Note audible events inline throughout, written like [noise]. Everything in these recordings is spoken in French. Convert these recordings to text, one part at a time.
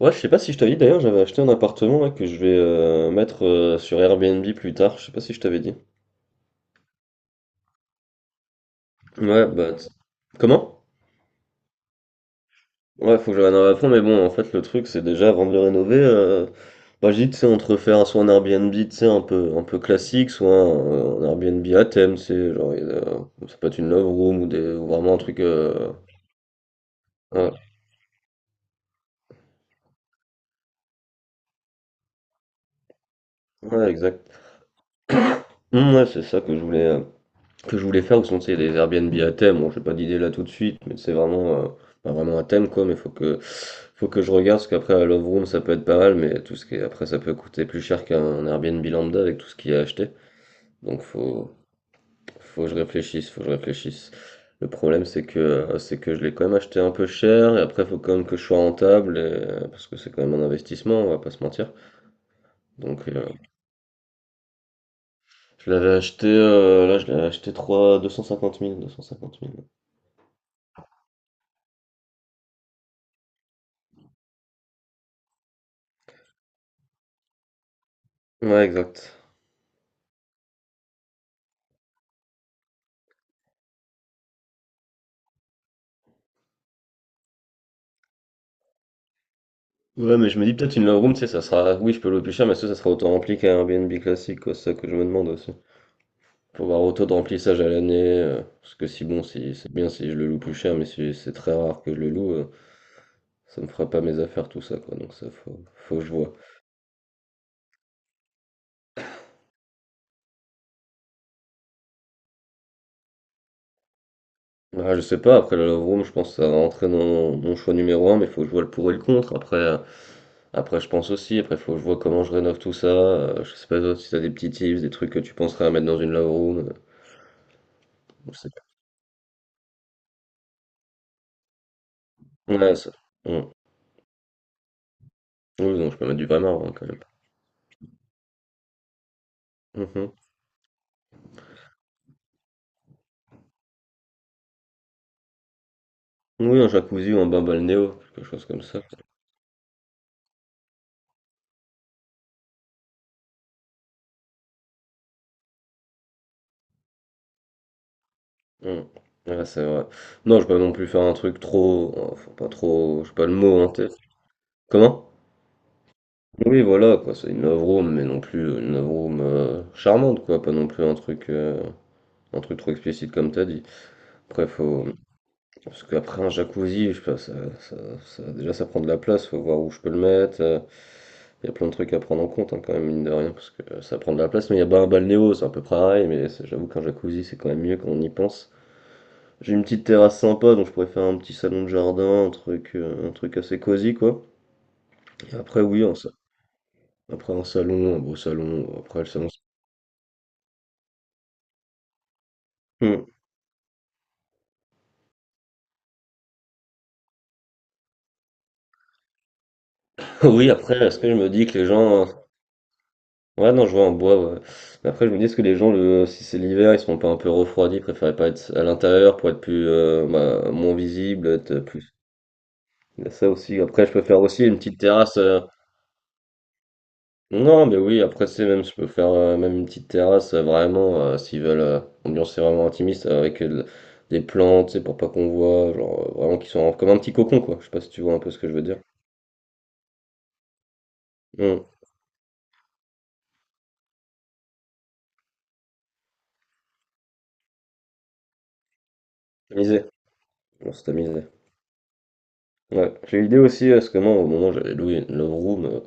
Ouais, je sais pas si je t'avais dit d'ailleurs, j'avais acheté un appartement là que je vais mettre sur Airbnb plus tard. Je sais pas si je t'avais dit. Ouais. Comment? Ouais, faut que je rénove à fond, mais bon, en fait, le truc, c'est déjà avant de le rénover, bah, je dis, tu sais, entre faire soit un Airbnb, tu sais, un peu classique, soit un Airbnb à thème, tu sais, genre, ça peut être une love room ou ou vraiment un truc. Ouais, ouais, exact. Ouais, c'est ça que je voulais. Que je voulais faire, ou sinon c'est des Airbnb à thème. Bon, j'ai pas d'idée là tout de suite, mais c'est vraiment, pas vraiment un thème quoi. Faut que je regarde, parce qu'après la Love Room ça peut être pas mal, mais tout ce qui est, après ça peut coûter plus cher qu'un Airbnb lambda avec tout ce qu'il y a acheté. Donc faut, Faut que je réfléchisse, faut que je réfléchisse. Le problème c'est que je l'ai quand même acheté un peu cher, et après faut quand même que je sois rentable, parce que c'est quand même un investissement, on va pas se mentir. Donc je l'avais acheté, là je l'avais acheté trois 250 000, 250 000 Ouais, exact. Ouais, mais je me dis peut-être une lounge room, tu sais, ça sera. Oui, je peux louer plus cher, mais est-ce que ça sera autant rempli qu'un Airbnb classique, quoi, c'est ça que je me demande aussi. Pour voir autant de remplissage à l'année, parce que si bon, si c'est bien si je le loue plus cher, mais si c'est très rare que je le loue, ça me fera pas mes affaires, tout ça, quoi, faut que je vois. Ah, je sais pas, après la Love Room, je pense que ça va rentrer dans mon choix numéro un, mais faut que je vois le pour et le contre. Après je pense aussi, après faut que je vois comment je rénove tout ça. Je sais pas toi, si t'as des petits tips, des trucs que tu penserais à mettre dans une Love Room. Je sais pas. Ouais, ça. Ouais. Oui, non, je peux mettre du vrai marron quand même. Mhm. Oui, un jacuzzi ou un bain balnéo, quelque chose comme ça. Mm. Ouais, c'est vrai. Non, je peux pas non plus faire un truc trop. Oh, faut pas trop. Je sais pas le mot en tête. Comment? Oui, voilà, quoi. C'est une love room, mais non plus une love room charmante, quoi. Pas non plus un truc, un truc trop explicite comme t'as dit. Après, faut. Parce qu'après un jacuzzi, je sais pas, ça- déjà ça prend de la place, faut voir où je peux le mettre. Il y a plein de trucs à prendre en compte hein, quand même, mine de rien, parce que ça prend de la place. Mais il y a pas un balnéo, c'est un peu pareil, mais c'est- j'avoue qu'un jacuzzi c'est quand même mieux quand on y pense. J'ai une petite terrasse sympa, donc je pourrais faire un petit salon de jardin, un truc assez cosy quoi. Et après un salon, un beau salon, après le salon. Hmm. [laughs] Oui, après, est-ce que je me dis que les gens. Ouais, non, je vois en bois, ouais. Mais après, je me dis, est-ce que les gens, le, si c'est l'hiver, ils sont pas un peu refroidis, ils préféraient pas être à l'intérieur pour être plus, bah, moins visible, être plus. Il y a ça aussi. Après, je peux faire aussi une petite terrasse. Non, mais oui, après, c'est même, je peux faire même une petite terrasse, vraiment, s'ils veulent, ambiance c'est vraiment intimiste, avec des plantes, tu sais, pour pas qu'on voit, vraiment, comme un petit cocon, quoi. Je sais pas si tu vois un peu ce que je veux dire. Hum, Tamisé. On s'est tamisé. Ouais. J'ai eu l'idée aussi, parce que moi, au moment où j'avais loué une love room. euh,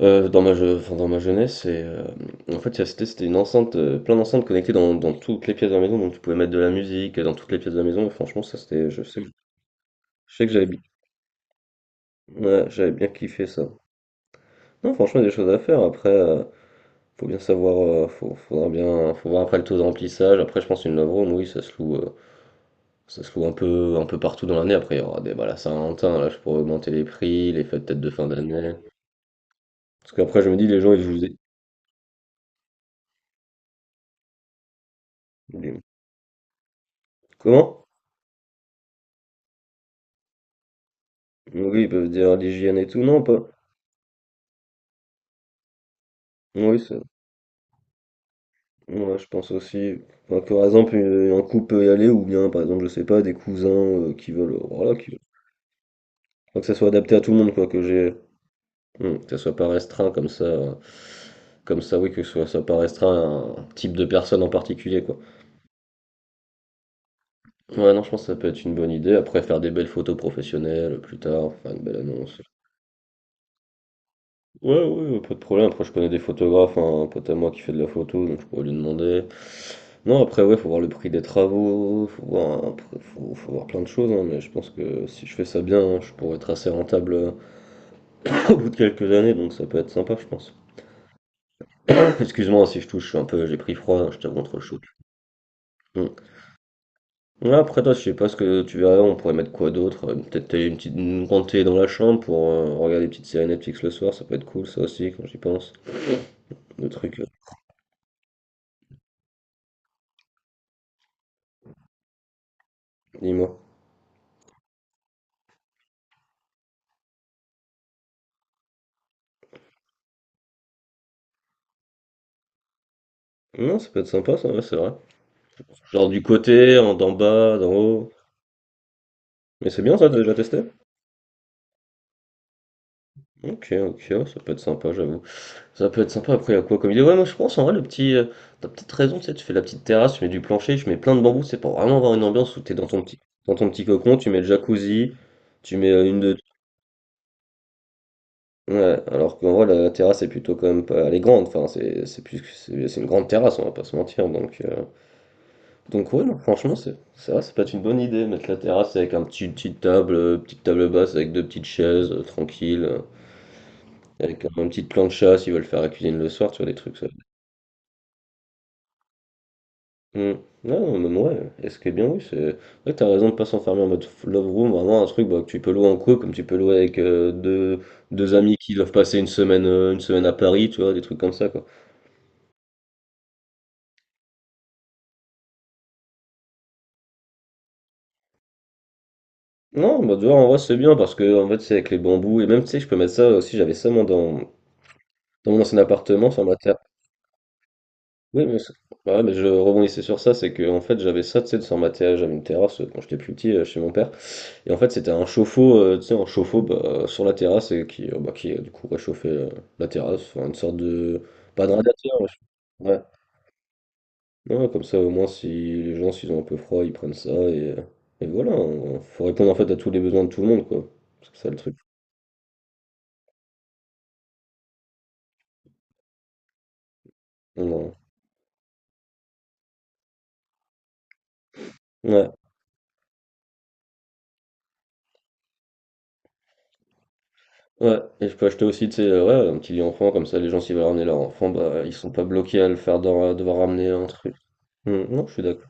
Heu, dans ma je enfin dans ma jeunesse en fait, il y a c'était c'était une enceinte, plein d'enceintes connectées dans toutes les pièces de la maison, donc tu pouvais mettre de la musique, dans toutes les pièces de la maison. Franchement, ça c'était je sais que j'avais bi ouais, j'avais bien kiffé ça. Non, franchement, il y a des choses à faire. Après, faut bien savoir, faut faudra bien faut voir après le taux de remplissage. Après, je pense une love room, oui, ça se loue un peu partout dans l'année. Après, il y aura des bah, la Saint-Valentin, là, je pourrais augmenter les prix, les fêtes peut-être de fin d'année. Parce qu'après, je me dis les gens, ils jouent des des. Comment? Oui, ils peuvent dire ah, l'hygiène et tout, non pas. Oui, ça. Moi, je pense aussi. Enfin, par exemple, un couple peut y aller, ou bien, par exemple, je sais pas, des cousins qui veulent. Voilà, qui... Faut que ça soit adapté à tout le monde, quoi, que j'ai. Hmm, que ça soit pas restreint comme ça. Oui, que ce soit, ça pas restreint à un type de personne en particulier, quoi. Ouais, non, je pense que ça peut être une bonne idée. Après, faire des belles photos professionnelles plus tard, faire une belle annonce. Ouais, ouais, ouais, pas de problème. Après, je connais des photographes, hein, un pote à moi qui fait de la photo, donc je pourrais lui demander. Non, après, ouais, faut voir le prix des travaux, faut voir, un pr- faut, faut voir plein de choses, hein, mais je pense que si je fais ça bien, hein, je pourrais être assez rentable [clears throat] au bout de quelques années, donc ça peut être sympa, je pense. [coughs] [clears throat] Excuse-moi si je touche, je suis un peu, j'ai pris froid, hein, je t'avoue, entre le choc. Mm. Ouais, après, toi, je sais pas ce que tu verras, on pourrait mettre quoi d'autre? Peut-être une grande télé dans la chambre pour regarder des petites séries Netflix le soir, ça peut être cool, ça aussi, quand j'y pense. Le truc, euh, Dis-moi. Non, ça peut être sympa, ça, ouais, c'est vrai. Genre du côté, en d'en bas, d'en haut. Mais c'est bien ça, t'as déjà testé? Ok, ok, ouais, ça peut être sympa, j'avoue. Ça peut être sympa, après, il y a quoi comme idée? Ouais, moi je pense, en vrai, le petit. T'as peut-être raison, tu sais, tu fais la petite terrasse, tu mets du plancher, tu mets plein de bambous, c'est pour vraiment avoir une ambiance où t'es dans ton petit cocon, tu mets le jacuzzi, tu mets une de. Ouais, alors qu'en vrai, la terrasse est plutôt quand même pas. Elle est grande, enfin, c'est plus, c'est une grande terrasse, on va pas se mentir, donc. Ouais, non, franchement, c'est vrai, ça peut être une bonne idée, mettre la terrasse avec un petit, une petite table basse avec deux petites chaises, tranquille, avec petit plancha s'ils veulent faire la cuisine le soir, tu vois, des trucs ça. Hmm. Non, non, même ouais, est-ce que bien oui, c'est... Ouais, t'as raison de pas s'enfermer en mode love room, vraiment un truc bah, que tu peux louer en couple, comme tu peux louer avec deux amis qui doivent passer une semaine à Paris, tu vois, des trucs comme ça, quoi. Non, bah tu vois, en vrai, c'est bien, parce que, en fait, c'est avec les bambous, et même, tu sais, je peux mettre ça aussi, j'avais ça, moi, dans... Dans mon ancien appartement, sur ma terrasse. Oui, mais, c'est- Bah ouais, mais je rebondissais sur ça, c'est que en fait j'avais ça, tu sais, de sur ma terrasse, j'avais une terrasse quand j'étais plus petit chez mon père, et en fait c'était un chauffe-eau, tu sais, un chauffe-eau bah, sur la terrasse et qui, du coup réchauffait la terrasse, enfin, une sorte de, pas de radiateur, ouais, non, ouais, comme ça au moins si les gens s'ils ont un peu froid, ils prennent ça et voilà, faut répondre en fait à tous les besoins de tout le monde quoi, c'est ça le truc. Ouais. Ouais. Ouais, et je peux acheter aussi, tu sais, ouais, un petit lit enfant, comme ça les gens s'ils veulent ramener leur enfant, bah ils sont pas bloqués à le faire à devoir ramener un truc. Hmm, non, je suis d'accord.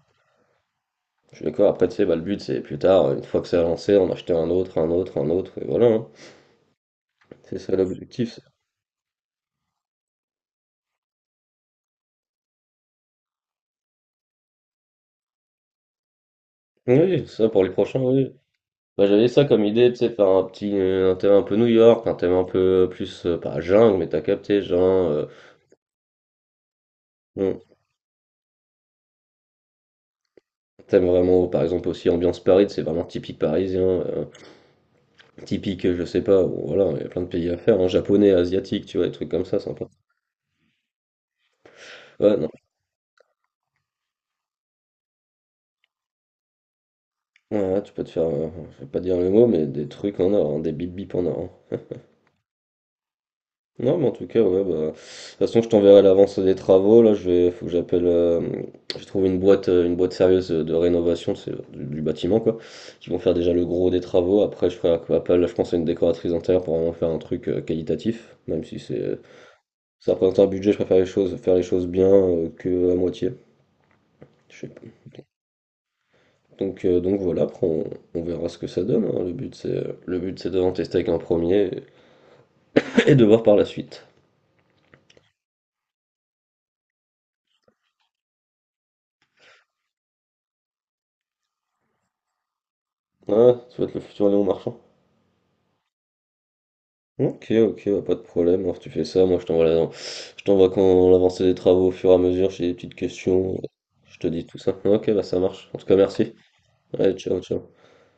Je suis d'accord, après tu sais, bah le but c'est plus tard, une fois que c'est lancé, en acheter un autre, un autre, un autre, et voilà, hein. C'est ça l'objectif. Oui, ça pour les prochains, oui. Bah, j'avais ça comme idée, tu sais, faire un petit un thème un peu New York, un thème un peu plus, pas jungle, mais t'as capté, hmm, thème vraiment, par exemple aussi ambiance Paris, c'est vraiment typique parisien, typique, je sais pas, ou voilà, il y a plein de pays à faire, hein, japonais, asiatique, tu vois, des trucs comme ça, sympa. Ouais, non, ouais, ouais, tu peux te faire, je vais pas dire le mot, mais des trucs en or, hein, des bip bip en or. Hein. Non, mais en tout cas, ouais, bah, de toute façon, je t'enverrai l'avance des travaux, là, je vais, faut que j'appelle, j'ai trouvé une boîte sérieuse de rénovation, c'est du bâtiment, quoi, qui vont faire déjà le gros des travaux, après, je ferai appel, là, je pense à une décoratrice intérieure pour vraiment faire un truc qualitatif, même si c'est, ça représente un budget, je préfère les choses, faire les choses bien que à moitié, je sais pas. Donc voilà, on verra ce que ça donne. Hein. Le but c'est d'en tester avec un premier et de voir par la suite. Ah, ça va être le futur Léon Marchand. Ok, ok, bah, pas de problème. Alors tu fais ça, moi je t'envoie la- je t'envoie quand l'avancée des travaux au fur et à mesure, j'ai des petites questions, je te dis tout ça. Ok, bah ça marche. En tout cas, merci. Allez, ciao, ciao.